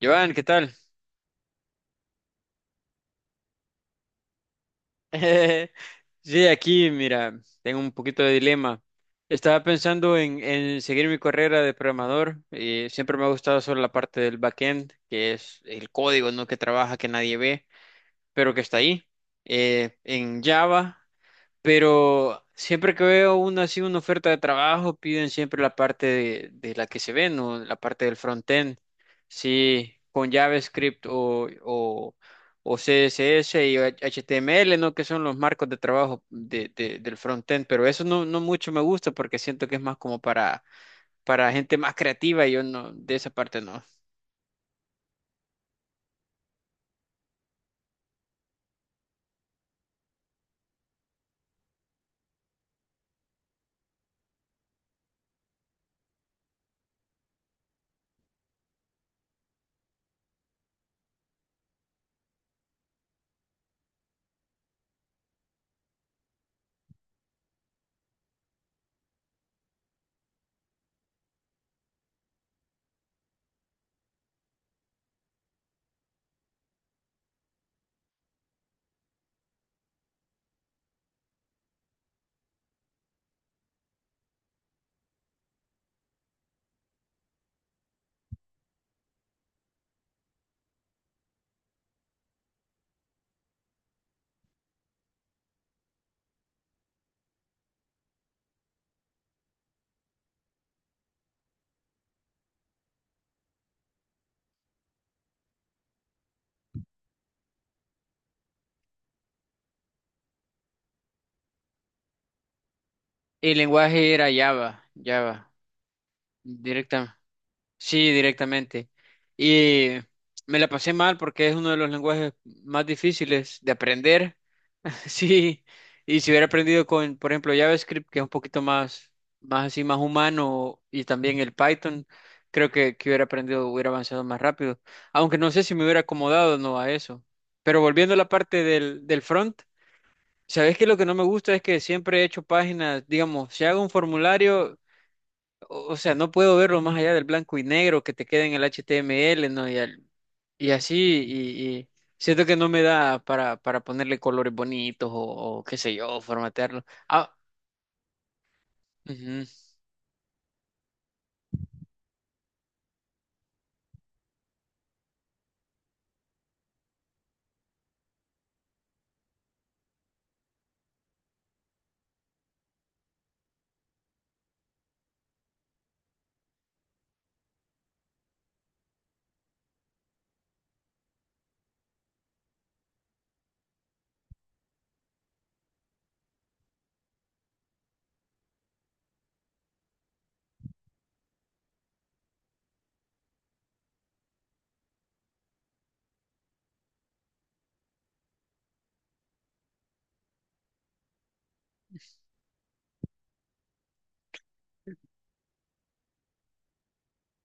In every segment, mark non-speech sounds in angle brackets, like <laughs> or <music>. Joan, ¿qué tal? <laughs> Sí, aquí, mira, tengo un poquito de dilema. Estaba pensando en seguir mi carrera de programador. Y siempre me ha gustado solo la parte del backend, que es el código, ¿no? Que trabaja, que nadie ve, pero que está ahí. En Java. Pero siempre que veo una así, una oferta de trabajo, piden siempre la parte de la que se ve, ¿no? La parte del frontend. Sí, con JavaScript o CSS y HTML, ¿no? Que son los marcos de trabajo del frontend. Pero eso no mucho me gusta porque siento que es más como para gente más creativa y yo no, de esa parte no. El lenguaje era Java, directa. Sí, directamente. Y me la pasé mal porque es uno de los lenguajes más difíciles de aprender. <laughs> Sí, y si hubiera aprendido con, por ejemplo, JavaScript, que es un poquito más así, más humano, y también el Python, creo que hubiera aprendido, hubiera avanzado más rápido. Aunque no sé si me hubiera acomodado o no a eso. Pero volviendo a la parte del front, ¿sabes? Que Lo que no me gusta es que siempre he hecho páginas, digamos, si hago un formulario. O sea, no puedo verlo más allá del blanco y negro que te queda en el HTML, ¿no? Y siento que no me da para ponerle colores bonitos o qué sé yo, formatearlo. Ah, ujú.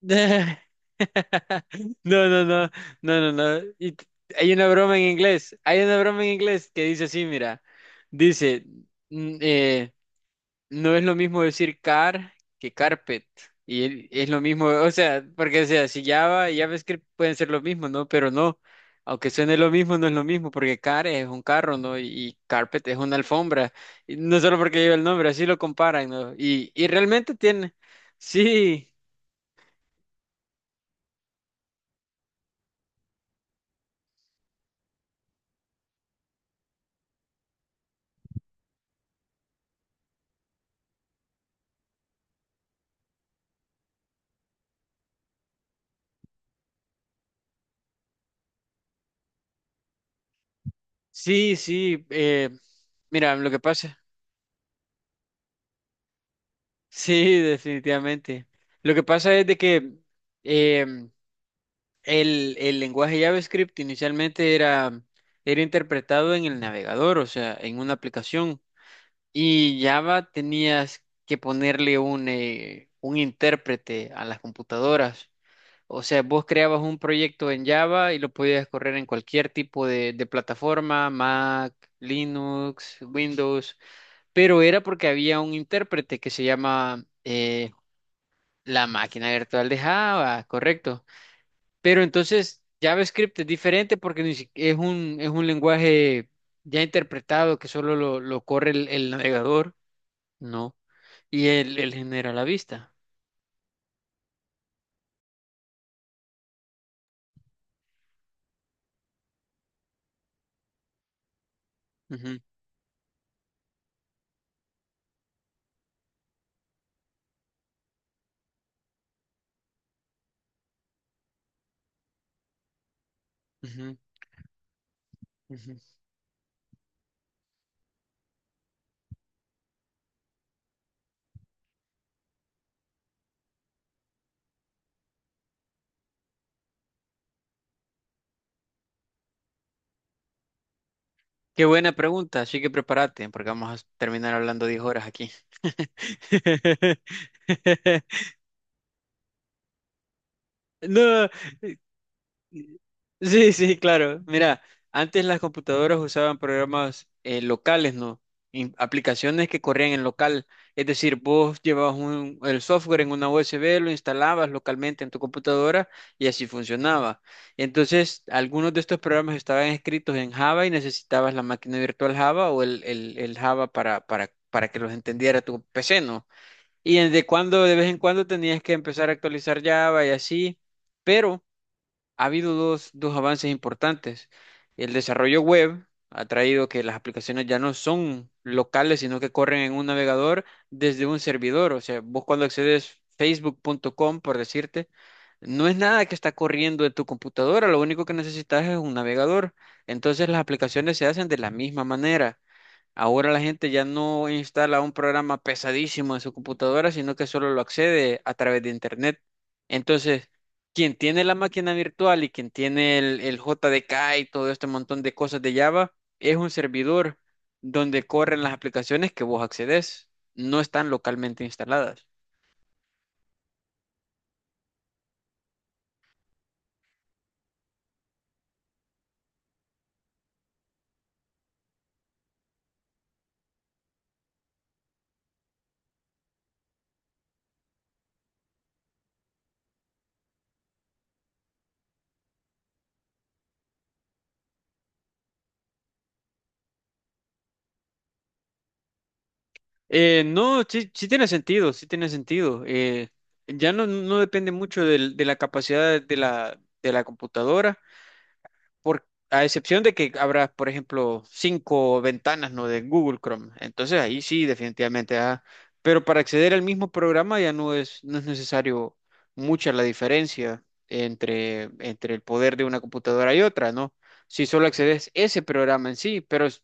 <laughs> No, no, no, no, no. Hay una broma en inglés, hay una broma en inglés que dice así, mira, dice, mm, eh, no es lo mismo decir car que carpet. Es lo mismo, o sea, si Java y JavaScript pueden ser lo mismo, ¿no? Pero no, aunque suene lo mismo, no es lo mismo, porque car es un carro, ¿no? Y carpet es una alfombra. Y no solo porque lleva el nombre, así lo comparan, ¿no? Y realmente tiene, sí, sí. Mira, lo que pasa, <laughs> sí, definitivamente. Lo que pasa es de que... em, el lenguaje JavaScript inicialmente era interpretado en el navegador, o sea, en una aplicación. Y Java tenías que ponerle un intérprete a las computadoras. O sea, vos creabas un proyecto en Java y lo podías correr en cualquier tipo de plataforma, Mac, Linux, Windows, pero era porque había un intérprete que se llama la máquina virtual de Java, correcto. Pero entonces JavaScript es diferente porque ni si- es un lenguaje ya interpretado que solo lo corre el navegador, ¿no? Y él genera la vista. Ujú, ujú, ujú. Qué buena pregunta, así que prepárate porque vamos a terminar hablando 10 horas aquí. <laughs> No, <laughs> Sí, sí, claro. Mira, antes las computadoras usaban programas locales, ¿no? Aplicaciones que corrían en local. Es decir, vos llevabas el software en una USB, lo instalabas localmente en tu computadora y así funcionaba. Entonces, algunos de estos programas estaban escritos en Java y necesitabas la máquina virtual Java o el Java para que los entendiera tu PC, ¿no? Y desde cuando, de vez en cuando tenías que empezar a actualizar Java y así, pero ha habido dos avances importantes. El desarrollo web ha traído que las aplicaciones ya no son locales, sino que corren en un navegador desde un servidor. O sea, vos cuando accedes facebook.com, por decirte, no es nada que está corriendo en tu computadora, lo único que necesitas es un navegador. Entonces las aplicaciones se hacen de la misma manera. Ahora la gente ya no instala un programa pesadísimo en su computadora, sino que solo lo accede a través de Internet. Entonces, quien tiene la máquina virtual y quien tiene el JDK y todo este montón de cosas de Java, es un servidor donde corren las aplicaciones que vos accedes. No están localmente instaladas. No, sí, sí tiene sentido, sí tiene sentido. Ya no, no depende mucho de la capacidad de la computadora por, a excepción de que habrá, por ejemplo, cinco ventanas, ¿no? De Google Chrome. Entonces ahí sí, definitivamente. Ah, pero para acceder al mismo programa ya no es necesario mucha la diferencia entre el poder de una computadora y otra, ¿no? Si solo accedes ese programa en sí, pero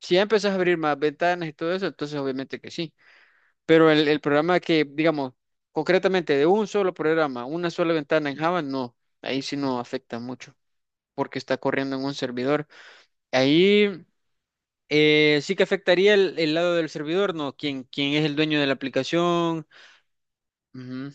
si ya empezás a abrir más ventanas y todo eso, entonces obviamente que sí. Pero el programa que, digamos, concretamente de un solo programa, una sola ventana en Java, no, ahí sí no afecta mucho porque está corriendo en un servidor. Ahí sí que afectaría el lado del servidor, ¿no? ¿Quién es el dueño de la aplicación? Ujú.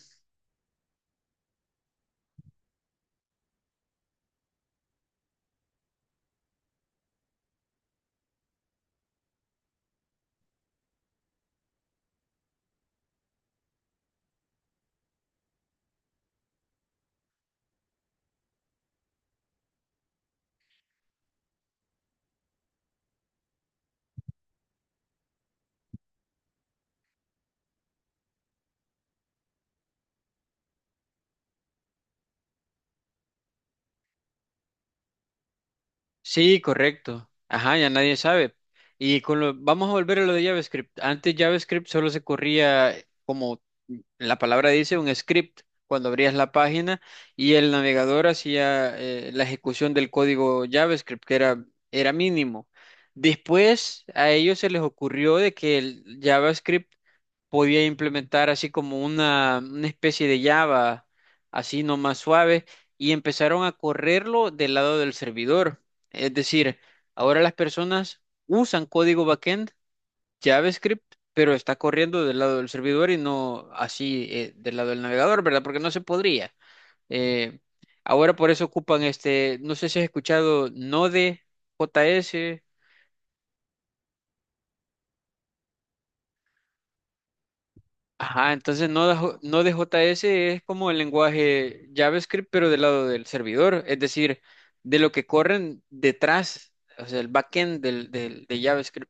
Sí, correcto. Ajá, ya nadie sabe. Y con lo, vamos a volver a lo de JavaScript. Antes JavaScript solo se corría, como la palabra dice, un script cuando abrías la página y el navegador hacía la ejecución del código JavaScript, que era mínimo. Después a ellos se les ocurrió de que el JavaScript podía implementar así como una especie de Java, así nomás suave, y empezaron a correrlo del lado del servidor. Es decir, ahora las personas usan código backend, JavaScript, pero está corriendo del lado del servidor y no así del lado del navegador, ¿verdad? Porque no se podría. Eh, Ahora por eso ocupan este, no sé si has escuchado Node.js. Ajá, entonces no de, J- no Node.js, Node.js es como el lenguaje JavaScript, pero del lado del servidor, es decir, de lo que corren detrás, o sea, el backend de JavaScript.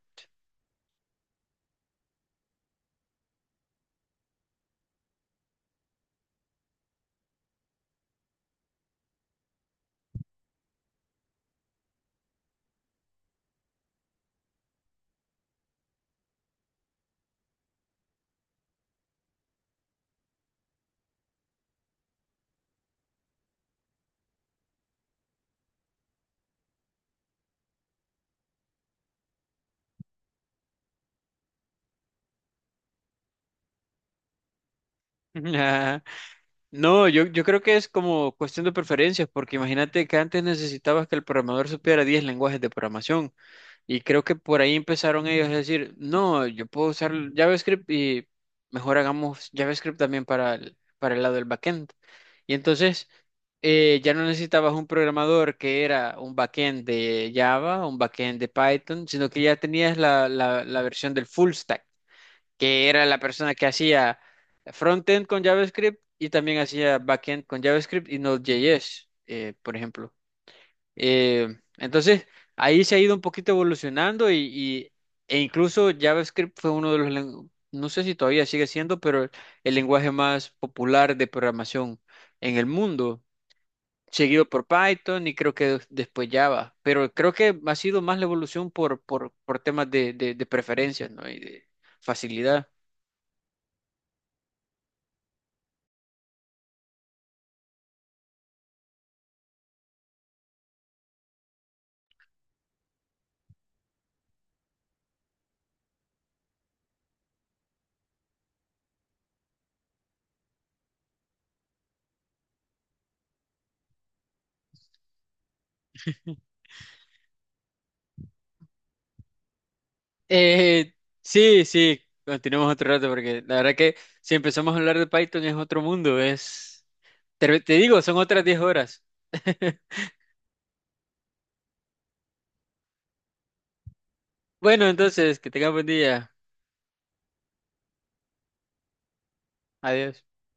<laughs> Ajá. No, yo creo que es como cuestión de preferencias, porque imagínate que antes necesitabas que el programador supiera 10 lenguajes de programación. Y creo que por ahí empezaron ellos a decir, no, yo puedo usar JavaScript y mejor hagamos JavaScript también para el lado del backend. Y entonces ya no necesitabas un programador que era un backend de Java, un backend de Python, sino que ya tenías la versión del full stack, que era la persona que hacía frontend con JavaScript y también hacía backend con JavaScript y Node.js, por ejemplo. Eh, entonces, ahí se ha ido un poquito evolucionando e incluso JavaScript fue uno de los no sé si todavía sigue siendo, pero el lenguaje más popular de programación en el mundo, seguido por Python y creo que después Java, pero creo que ha sido más la evolución por, por temas de preferencias, ¿no? Y de facilidad. Eh, sí, sí, continuemos otro rato porque la verdad que si empezamos a hablar de Python es otro mundo, es... Te digo, son otras 10 horas. <laughs> Bueno, entonces, que tengas buen día. Adiós.